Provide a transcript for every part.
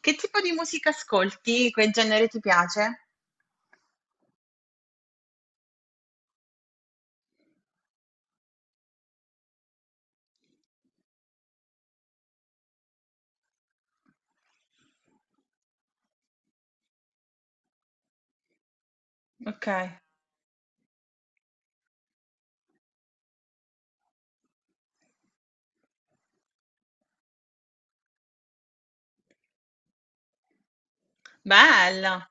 Che tipo di musica ascolti? Che genere ti piace? Okay. Bella.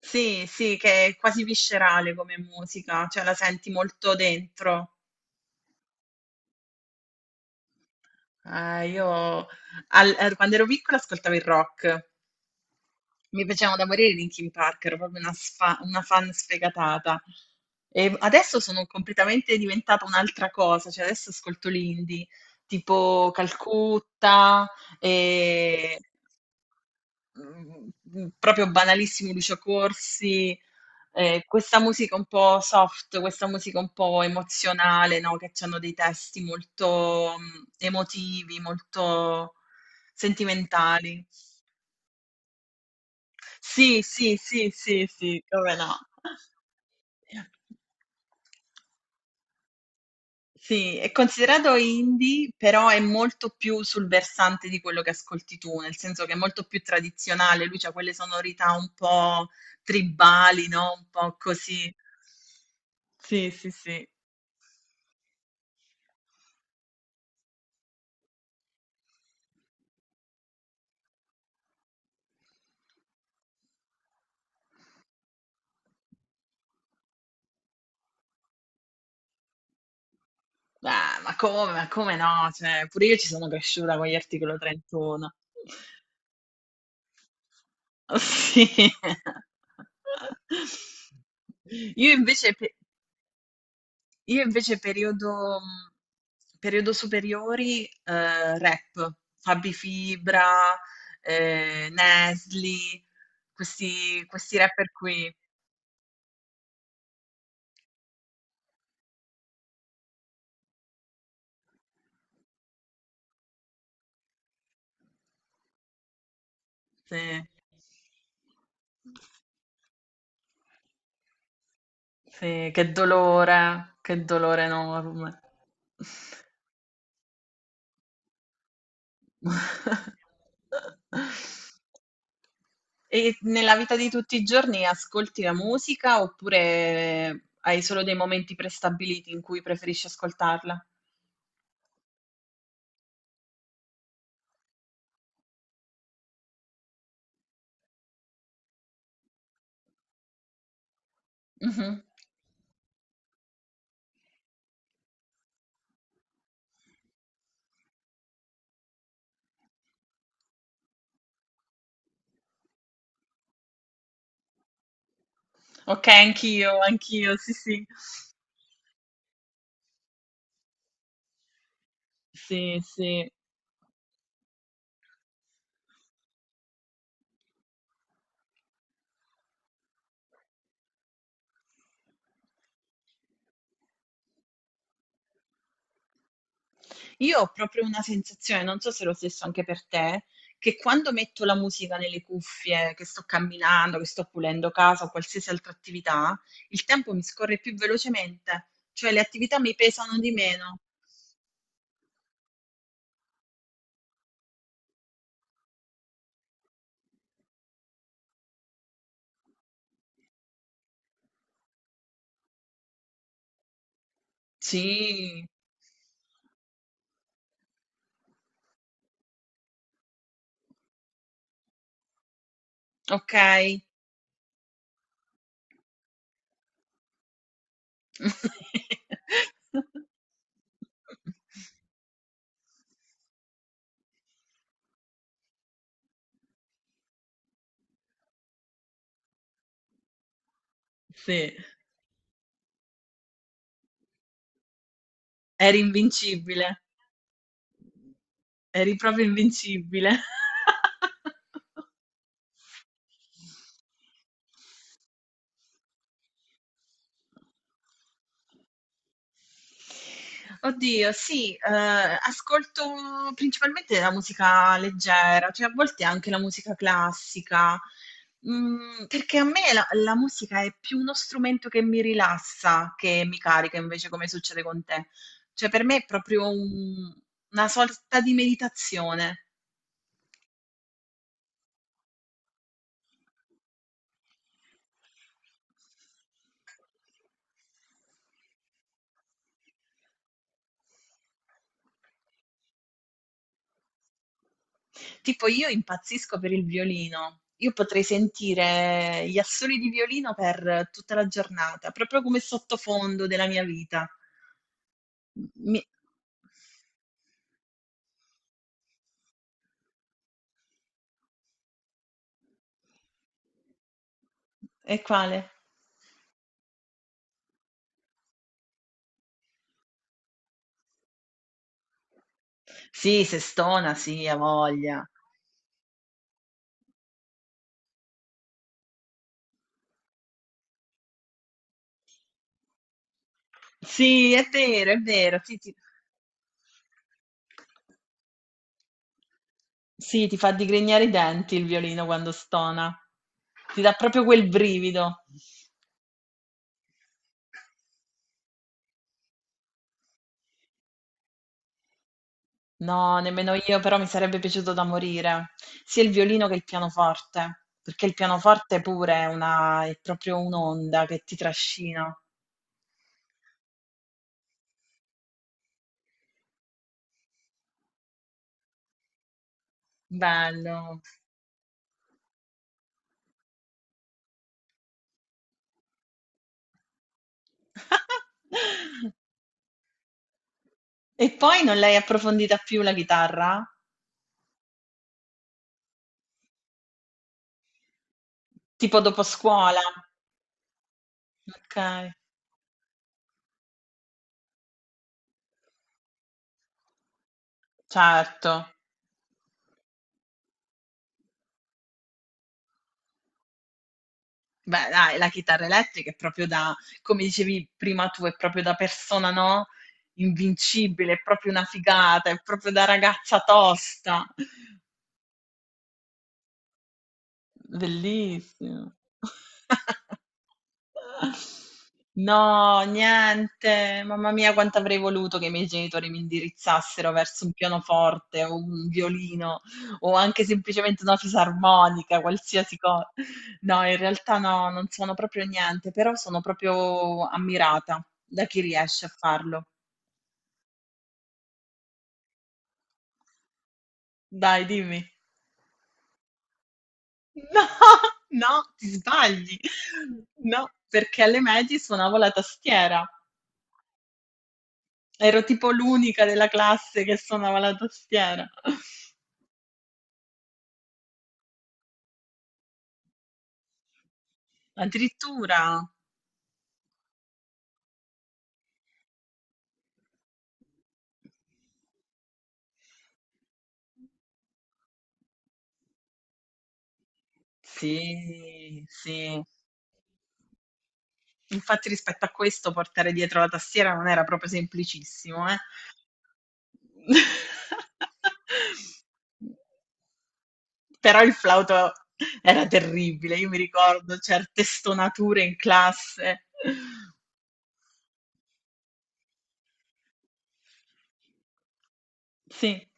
Sì, sì, che è quasi viscerale come musica, cioè la senti molto dentro. Io al er quando ero piccola ascoltavo il rock. Mi piacevano da morire i Linkin Park, ero proprio una fan sfegatata. E adesso sono completamente diventata un'altra cosa, cioè adesso ascolto l'indie, tipo Calcutta, ehm proprio banalissimo Lucio Corsi, questa musica un po' soft, questa musica un po' emozionale, no? Che hanno dei testi molto emotivi, molto sentimentali. Sì, sì, sì, sì, sì, come no. Sì, è considerato indie, però è molto più sul versante di quello che ascolti tu, nel senso che è molto più tradizionale, lui c'ha quelle sonorità un po' tribali, no? Un po' così. Sì, sì, sì. Ah, ma come no? Cioè, pure io ci sono cresciuta con gli Articolo 31. Sì. Io invece, pe- Io invece periodo, periodo superiori, rap, Fabi Fibra, Nesli, questi rapper qui. Sì, sì, che dolore enorme. E nella vita di tutti i giorni ascolti la musica oppure hai solo dei momenti prestabiliti in cui preferisci ascoltarla? Mhm. Okay, anch'io, anch'io, sì, sì. Sì, sì. Io ho proprio una sensazione, non so se è lo stesso anche per te, che quando metto la musica nelle cuffie, che sto camminando, che sto pulendo casa o qualsiasi altra attività, il tempo mi scorre più velocemente, cioè le attività mi pesano di meno. Sì. Okay. Sì. Eri invincibile. Eri proprio invincibile. Oddio, sì, ascolto principalmente la musica leggera, cioè a volte anche la musica classica, perché a me la musica è più uno strumento che mi rilassa che mi carica, invece, come succede con te. Cioè per me è proprio un una sorta di meditazione. Tipo io impazzisco per il violino. Io potrei sentire gli assoli di violino per tutta la giornata, proprio come sottofondo della mia vita. Mi E quale? Sì, se stona, sì, ha voglia. Sì, è vero, è vero. Sì, ti fa digrignare i denti il violino quando stona. Ti dà proprio quel brivido. No, nemmeno io, però mi sarebbe piaciuto da morire, sia il violino che il pianoforte, perché il pianoforte pure è una, è proprio un'onda che ti trascina. Bello. E poi non l'hai approfondita più la chitarra? Tipo dopo scuola? Okay, certo. Beh dai, la chitarra elettrica è proprio da come dicevi prima tu, è proprio da persona, no, invincibile, è proprio una figata, è proprio da ragazza tosta. Bellissimo. No, niente. Mamma mia, quanto avrei voluto che i miei genitori mi indirizzassero verso un pianoforte o un violino o anche semplicemente una fisarmonica, qualsiasi cosa. No, in realtà no, non sono proprio niente, però sono proprio ammirata da chi riesce a farlo. Dai, dimmi. No, no, ti sbagli. No, perché alle medie suonavo la tastiera. Ero tipo l'unica della classe che suonava la tastiera. Addirittura? Sì, sì. Infatti rispetto a questo portare dietro la tastiera non era proprio semplicissimo, eh. Però il flauto era terribile, io mi ricordo certe stonature in classe. Sì.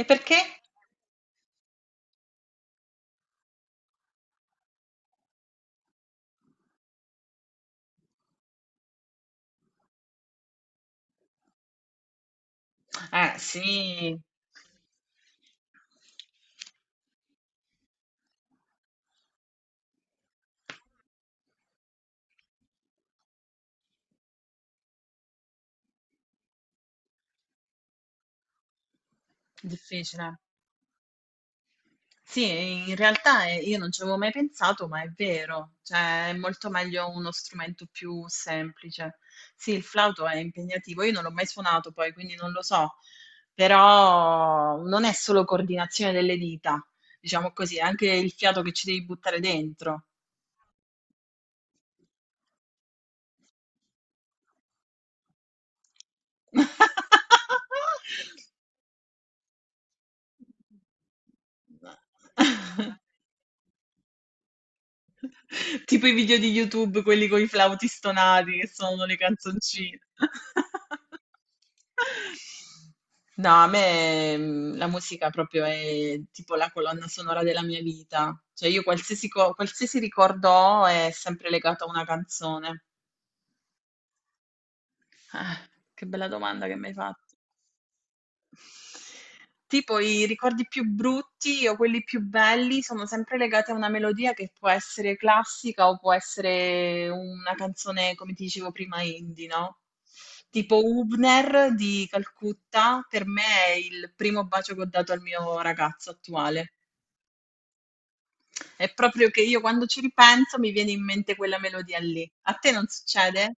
E perché? Sì, difficile. Sì, in realtà io non ci avevo mai pensato, ma è vero, cioè è molto meglio uno strumento più semplice. Sì, il flauto è impegnativo, io non l'ho mai suonato poi, quindi non lo so, però non è solo coordinazione delle dita, diciamo così, è anche il fiato che ci devi buttare dentro. Tipo i video di YouTube, quelli con i flauti stonati che sono le canzoncine. No, a me la musica proprio è tipo la colonna sonora della mia vita. Cioè io qualsiasi ricordo ho è sempre legato a una canzone. Ah, che bella domanda che mi hai fatto. Tipo i ricordi più brutti o quelli più belli sono sempre legati a una melodia che può essere classica o può essere una canzone, come ti dicevo prima, indie, no? Tipo Hübner di Calcutta, per me è il primo bacio che ho dato al mio ragazzo attuale. È proprio che io quando ci ripenso mi viene in mente quella melodia lì. A te non succede?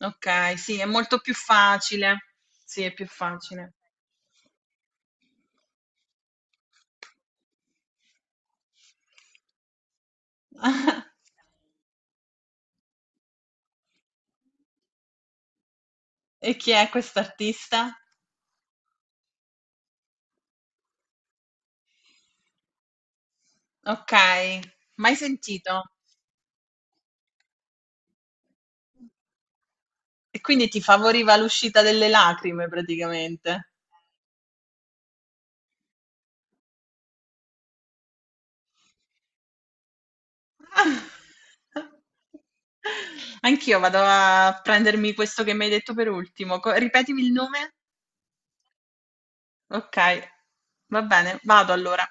Ok, sì, è molto più facile. Sì, è più facile. E chi è quest'artista? Okay, mai sentito. E quindi ti favoriva l'uscita delle lacrime praticamente. Anch'io vado a prendermi questo che mi hai detto per ultimo. Co ripetimi il nome? Okay, va bene, vado allora.